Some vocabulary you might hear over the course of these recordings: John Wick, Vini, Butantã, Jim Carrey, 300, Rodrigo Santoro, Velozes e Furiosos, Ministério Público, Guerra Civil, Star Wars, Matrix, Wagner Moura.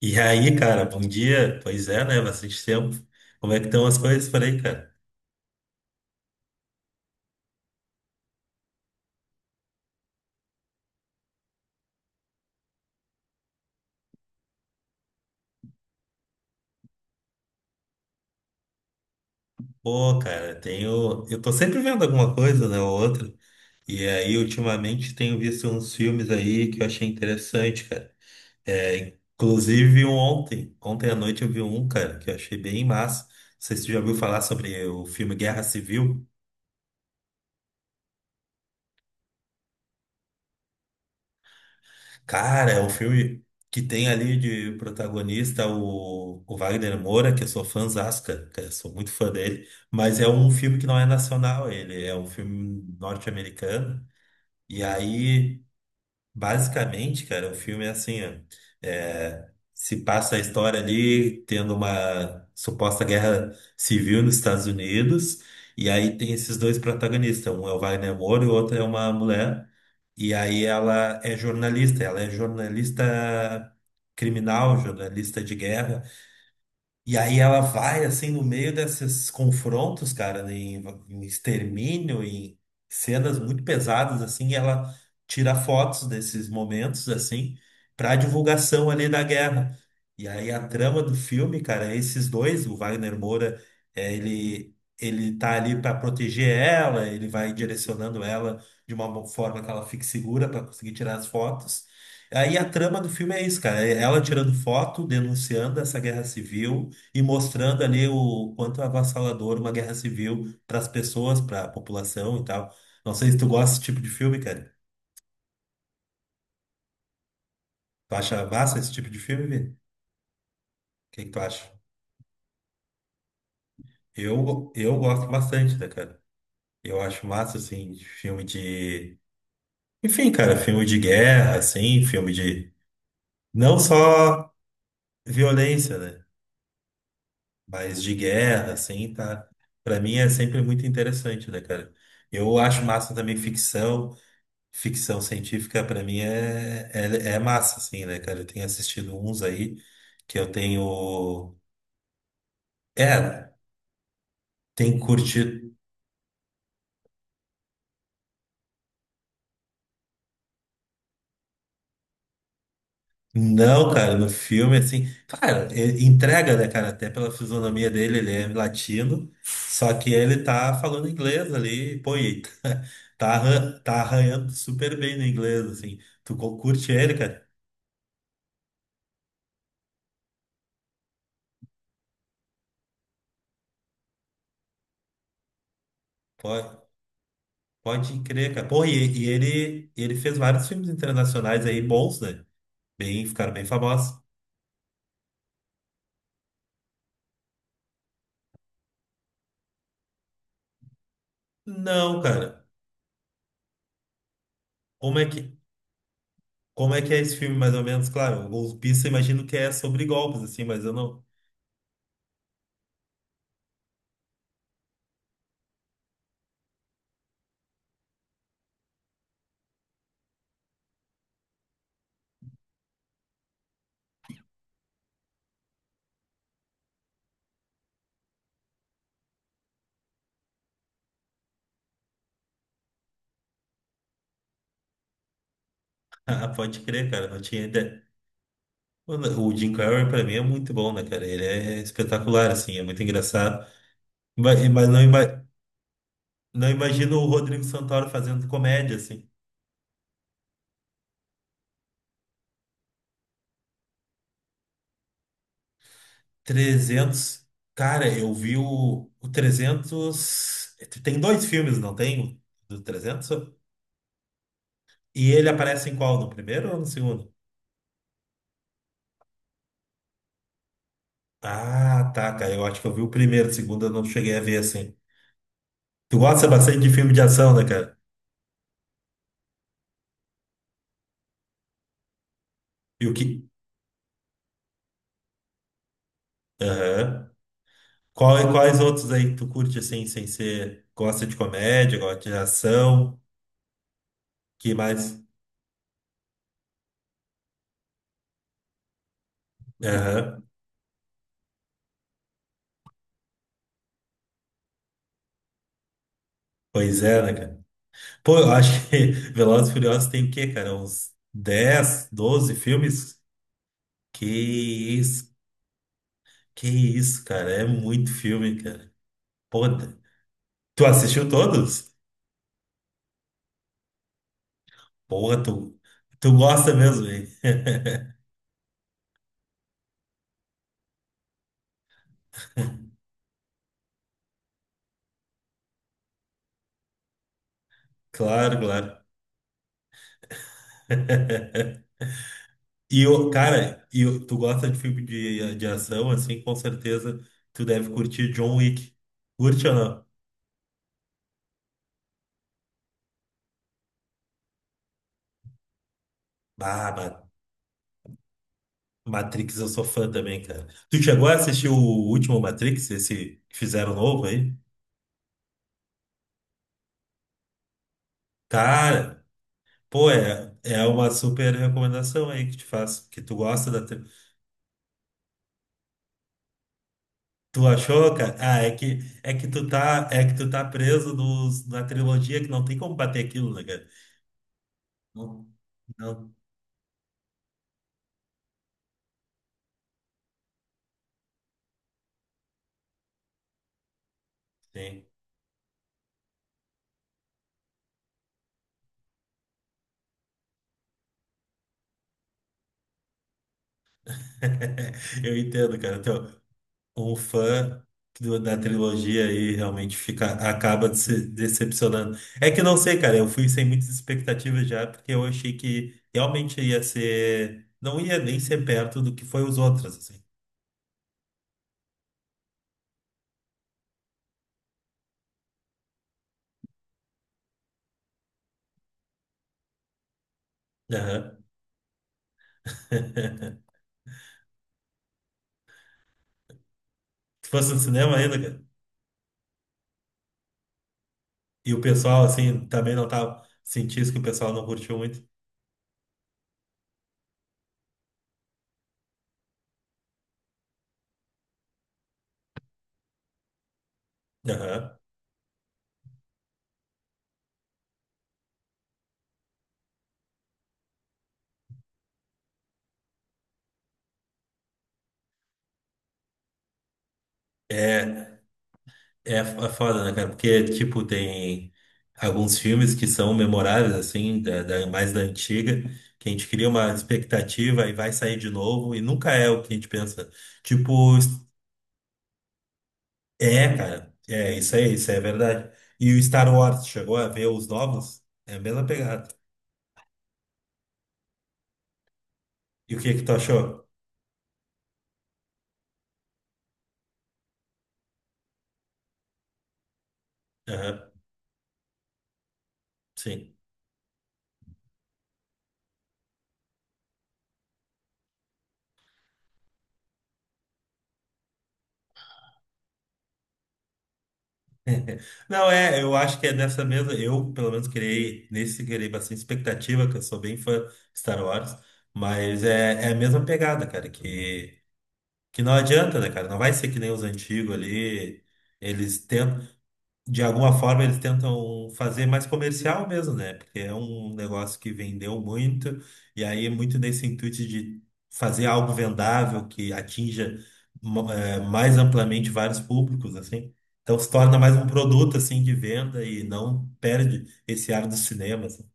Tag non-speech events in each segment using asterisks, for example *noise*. E aí, cara, bom dia. Pois é, né? Bastante tempo. Como é que estão as coisas por aí, cara? Pô, cara, tenho. Eu tô sempre vendo alguma coisa, né? Ou outra. E aí, ultimamente, tenho visto uns filmes aí que eu achei interessante, cara. É, inclusive um ontem. Ontem à noite eu vi um, cara, que eu achei bem massa. Não sei se tu já ouviu falar sobre o filme Guerra Civil. Cara, é um filme que tem ali de protagonista o Wagner Moura, que eu sou fãzaço, cara, eu sou muito fã dele, mas é um filme que não é nacional, ele é um filme norte-americano. E aí, basicamente, cara, o filme é assim, ó, se passa a história ali tendo uma suposta guerra civil nos Estados Unidos, e aí tem esses dois protagonistas, um é o Wagner Moura e o outro é uma mulher. E aí ela é jornalista criminal, jornalista de guerra. E aí ela vai, assim, no meio desses confrontos, cara, em extermínio, em cenas muito pesadas, assim, e ela tira fotos desses momentos, assim, pra divulgação ali da guerra. E aí a trama do filme, cara, é esses dois, o Wagner Moura, é, ele, ele tá ali pra proteger ela, ele vai direcionando ela de uma forma que ela fique segura pra conseguir tirar as fotos. Aí a trama do filme é isso, cara, é ela tirando foto, denunciando essa guerra civil e mostrando ali o quanto é avassalador uma guerra civil para as pessoas, para a população e tal. Não sei se tu gosta desse tipo de filme, cara. Tu acha massa esse tipo de filme, Vini? O que que tu acha? Eu gosto bastante, né, cara? Eu acho massa, assim, de filme de. Enfim, cara, filme de guerra, assim, filme de. Não só violência, né? Mas de guerra, assim, tá? Pra mim é sempre muito interessante, né, cara? Eu acho massa também ficção. Ficção científica pra mim é massa, assim, né, cara? Eu tenho assistido uns aí que eu tenho. É, tem curtido. Não, cara, no filme, assim. Cara, entrega, né, cara? Até pela fisionomia dele, ele é latino, só que ele tá falando inglês ali, pô, e *laughs* tá arranhando super bem no inglês, assim. Curte ele, cara? Pode, pode crer, cara. Pô, e ele fez vários filmes internacionais aí bons, né? Bem, ficaram bem famosos. Não, cara. Como é que, como é que é esse filme, mais ou menos? Claro, o Golpista, eu imagino que é sobre golpes, assim, mas eu não. *laughs* Ah, pode crer, cara. Não tinha ideia. Mano, o Jim Carrey, pra mim, é muito bom, né, cara? Ele é espetacular, assim, é muito engraçado. Mas não, não imagino o Rodrigo Santoro fazendo comédia, assim. Trezentos. Cara, eu vi o 300. Tem dois filmes, não tem? O Do 300? E ele aparece em qual? No primeiro ou no segundo? Ah, tá, cara. Eu acho que eu vi o primeiro, o segundo eu não cheguei a ver assim. Tu gosta bastante de filme de ação, né, cara? E o que. Aham. Quais outros aí que tu curte assim, sem ser. Gosta de comédia, gosta de ação? Que mais? Aham. Pois é, né, cara? Pô, eu acho que *laughs* Velozes e Furiosos tem o quê, cara? Uns 10, 12 filmes? Que isso, que isso, cara. É muito filme, cara. Pô, tu assistiu todos? Porra, tu gosta mesmo, hein? Claro, claro. *laughs* E o cara, tu gosta de filme de ação, assim, com certeza tu deve curtir John Wick. Curte ou não? Ah, Matrix eu sou fã também, cara. Tu chegou a assistir o último Matrix, esse que fizeram novo aí? Cara, pô, é uma super recomendação aí que te faço, que tu gosta da tri- Tu achou, cara? Ah, é que é que tu tá preso nos, na trilogia que não tem como bater aquilo, né, cara? Não, não tem. *laughs* Eu entendo, cara. Então, um fã da trilogia aí realmente fica, acaba se decepcionando. É que não sei, cara. Eu fui sem muitas expectativas já, porque eu achei que realmente ia ser. Não ia nem ser perto do que foi os outros, assim. Aham. *laughs* Se fosse no cinema ainda, cara. E o pessoal, assim, também não tava. Senti que o pessoal não curtiu muito. Aham. É. É foda, né, cara? Porque, tipo, tem alguns filmes que são memoráveis, assim, mais da antiga, que a gente cria uma expectativa e vai sair de novo, e nunca é o que a gente pensa. Tipo, é, cara, é isso aí é verdade. E o Star Wars chegou a ver os novos? É a mesma pegada. E o que que tu achou? Aham, sim. Não, é, eu acho que é nessa mesma. Eu, pelo menos, criei, nesse criei bastante expectativa, que eu sou bem fã de Star Wars, mas é a mesma pegada, cara, que não adianta, né, cara? Não vai ser que nem os antigos ali. Eles tentam de alguma forma eles tentam fazer mais comercial mesmo, né? Porque é um negócio que vendeu muito, e aí é muito nesse intuito de fazer algo vendável que atinja mais amplamente vários públicos, assim. Então se torna mais um produto, assim, de venda e não perde esse ar do cinema, assim.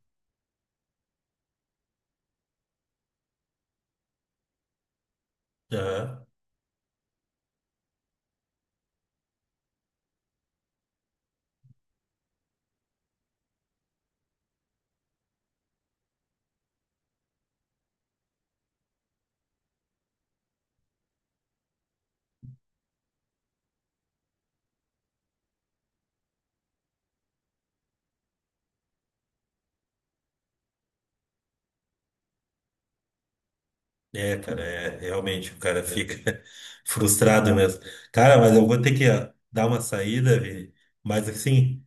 Aham. É, cara, realmente, o cara fica *laughs* frustrado mesmo. Cara, mas eu vou ter que ó, dar uma saída, Vini, mas assim,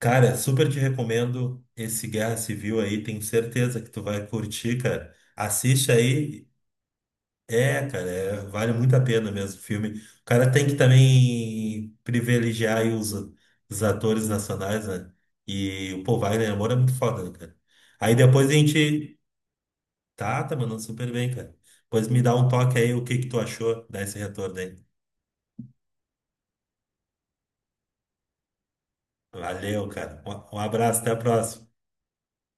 cara, super te recomendo esse Guerra Civil aí, tenho certeza que tu vai curtir, cara. Assiste aí, cara, vale muito a pena mesmo o filme. O cara tem que também privilegiar aí os atores nacionais, né? E, pô, Wagner Moura é muito foda, né, cara? Aí depois a gente. Tá mandando super bem, cara. Depois me dá um toque aí, o que que tu achou, dá esse retorno aí. Valeu, cara. Um abraço, até a próxima.